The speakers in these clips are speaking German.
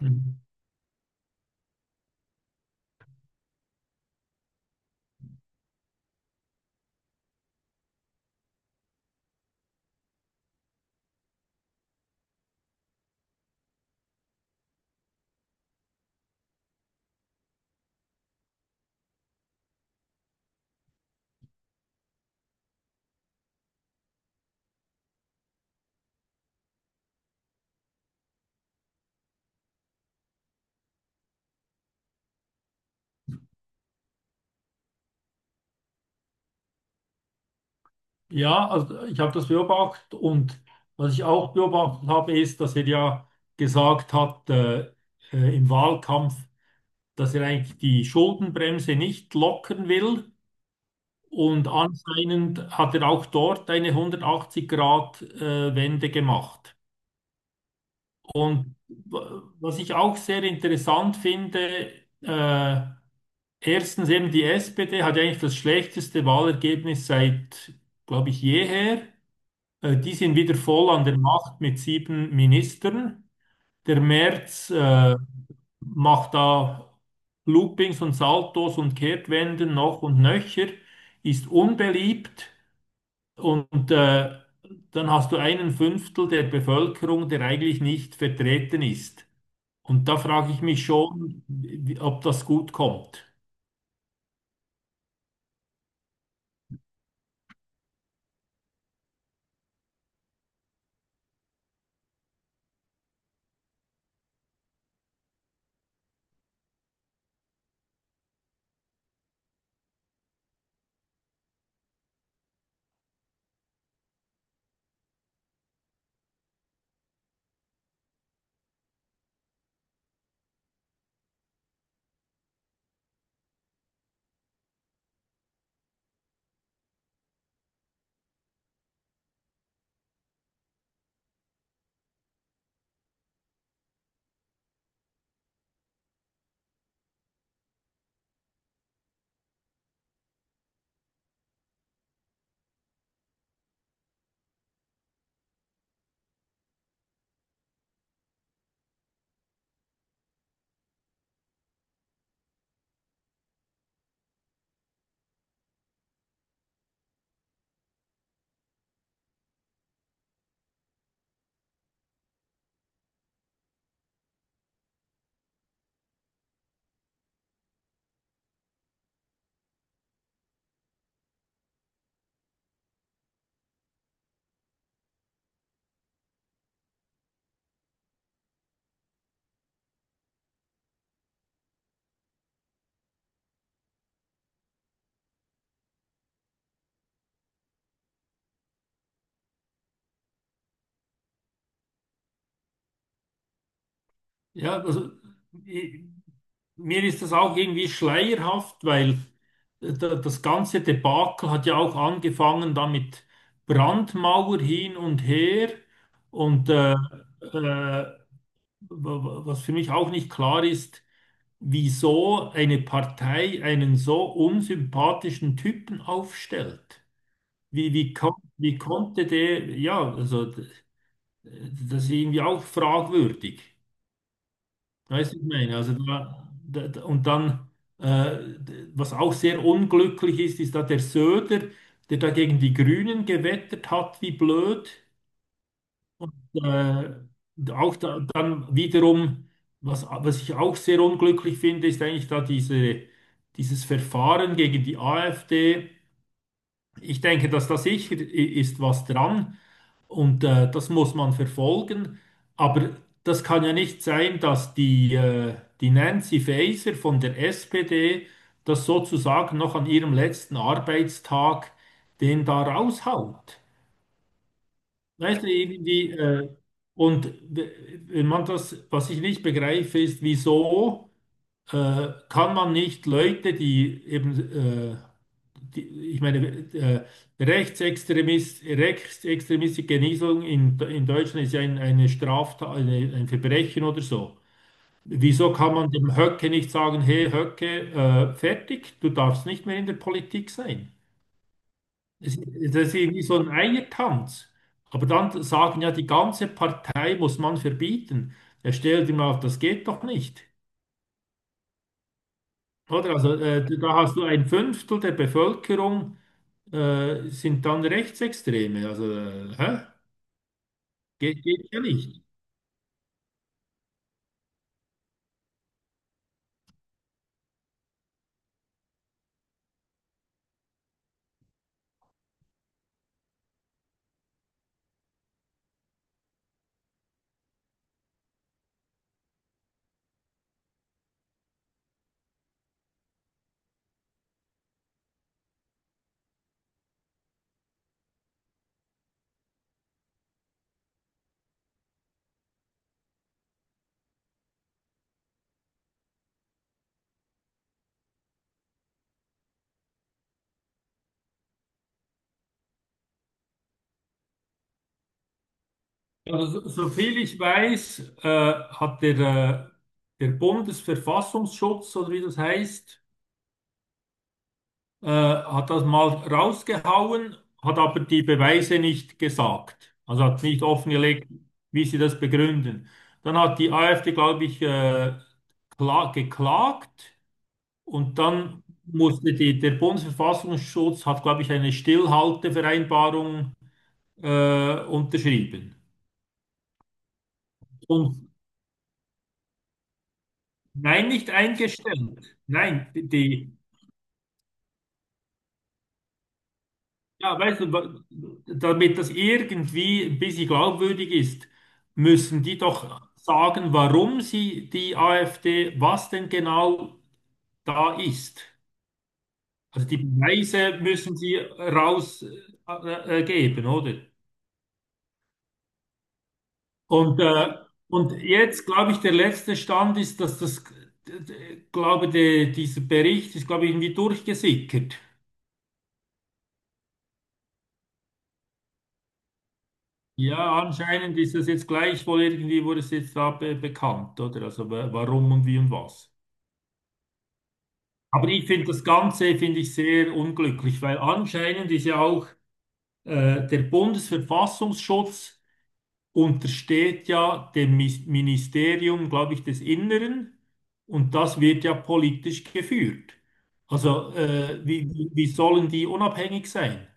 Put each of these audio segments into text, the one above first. Mhm. Ja, also ich habe das beobachtet und was ich auch beobachtet habe, ist, dass er ja gesagt hat im Wahlkampf, dass er eigentlich die Schuldenbremse nicht lockern will. Und anscheinend hat er auch dort eine 180-Grad-Wende gemacht. Und was ich auch sehr interessant finde, äh, erstens eben die SPD hat ja eigentlich das schlechteste Wahlergebnis seit, glaube ich, jeher. Die sind wieder voll an der Macht mit sieben Ministern. Der Merz macht da Loopings und Saltos und Kehrtwenden noch und nöcher, ist unbeliebt und dann hast du einen Fünftel der Bevölkerung, der eigentlich nicht vertreten ist. Und da frage ich mich schon, ob das gut kommt. Ja, also i- mir ist das auch irgendwie schleierhaft, weil das ganze Debakel hat ja auch angefangen damit Brandmauer hin und her und wa- was für mich auch nicht klar ist, wieso eine Partei einen so unsympathischen Typen aufstellt. Wie konnte der, ja, also das ist irgendwie auch fragwürdig. Weißt du, was ich meine? Also und dann, was auch sehr unglücklich ist, ist da der Söder, der da gegen die Grünen gewettert hat, wie blöd. Äh, Auch da, dann wiederum, was ich auch sehr unglücklich finde, ist eigentlich da dieses Verfahren gegen die AfD. Ich denke, dass da sicher ist was dran und das muss man verfolgen. Aber das kann ja nicht sein, dass die Nancy Faeser von der SPD das sozusagen noch an ihrem letzten Arbeitstag den da raushaut. Weißt du, irgendwie, und wenn man das, was ich nicht begreife, ist, wieso kann man nicht Leute, die eben äh, die, ich meine, äh, Rechtsextremist, rechtsextremistische Genesung in Deutschland ist ja eine Straftat, ein Verbrechen oder so. Wieso kann man dem Höcke nicht sagen, hey Höcke, fertig, du darfst nicht mehr in der Politik sein? Es, das ist irgendwie so ein Eiertanz. Aber dann sagen ja, die ganze Partei muss man verbieten. Er stellt ihm auf, das geht doch nicht. Oder? Also, da hast du ein Fünftel der Bevölkerung sind dann Rechtsextreme. Also, hä? Geht ja nicht. Also, soviel ich weiß, hat der Bundesverfassungsschutz, oder wie das heißt, hat das mal rausgehauen, hat aber die Beweise nicht gesagt. Also hat nicht offengelegt, wie sie das begründen. Dann hat die AfD, glaube ich, geklagt und dann musste der Bundesverfassungsschutz hat, glaube ich, eine Stillhaltevereinbarung unterschrieben. Und nein, nicht eingestellt. Nein, ja, weißt du, damit das irgendwie ein bisschen glaubwürdig ist, müssen die doch sagen, warum sie die AfD, was denn genau da ist. Also die Beweise müssen sie rausgeben, geben, oder? Und, äh, und jetzt, glaube ich, der letzte Stand ist, dass das, dieser Bericht ist, glaube ich, irgendwie durchgesickert. Ja, anscheinend ist das jetzt gleichwohl irgendwie, wurde es jetzt da be bekannt, oder? Also warum und wie und was. Aber ich finde das Ganze, finde ich sehr unglücklich, weil anscheinend ist ja auch der Bundesverfassungsschutz untersteht ja dem Ministerium, glaube ich, des Inneren und das wird ja politisch geführt. Also wie sollen die unabhängig sein?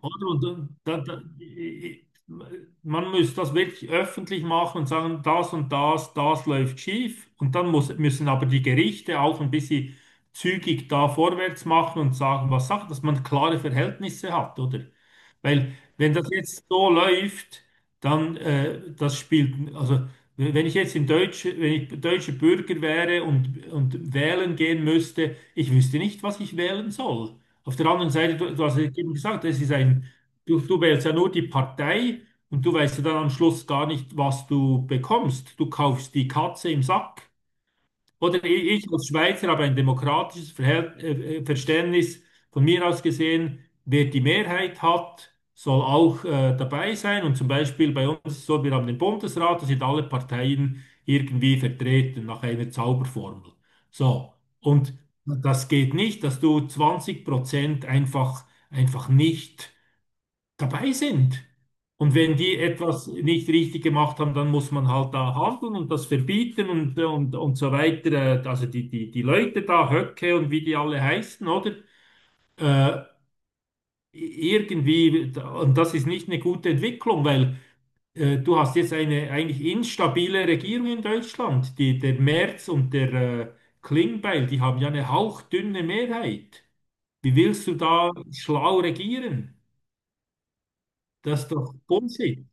Oder? Und dann, man muss das wirklich öffentlich machen und sagen, das und das, das läuft schief. Und dann müssen aber die Gerichte auch ein bisschen zügig da vorwärts machen und sagen, was Sache, dass man klare Verhältnisse hat, oder? Weil wenn das jetzt so läuft, dann das spielt, also wenn ich jetzt wenn ich deutscher Bürger wäre und wählen gehen müsste, ich wüsste nicht, was ich wählen soll. Auf der anderen Seite, du hast ja eben gesagt, du wählst ja nur die Partei und du weißt ja dann am Schluss gar nicht, was du bekommst. Du kaufst die Katze im Sack. Oder ich als Schweizer habe ein demokratisches Verhält Verständnis. Von mir aus gesehen, wer die Mehrheit hat, soll auch dabei sein. Und zum Beispiel bei uns ist es so, wir haben den Bundesrat, da sind alle Parteien irgendwie vertreten nach einer Zauberformel. So. Und das geht nicht, dass du 20% einfach nicht dabei sind. Und wenn die etwas nicht richtig gemacht haben, dann muss man halt da handeln und das verbieten und so weiter. Also die Leute da, Höcke und wie die alle heißen, oder? Äh, irgendwie, und das ist nicht eine gute Entwicklung, weil du hast jetzt eine eigentlich instabile Regierung in Deutschland. Der Merz und der Klingbeil, die haben ja eine hauchdünne Mehrheit. Wie willst du da schlau regieren? Das ist doch Bullshit.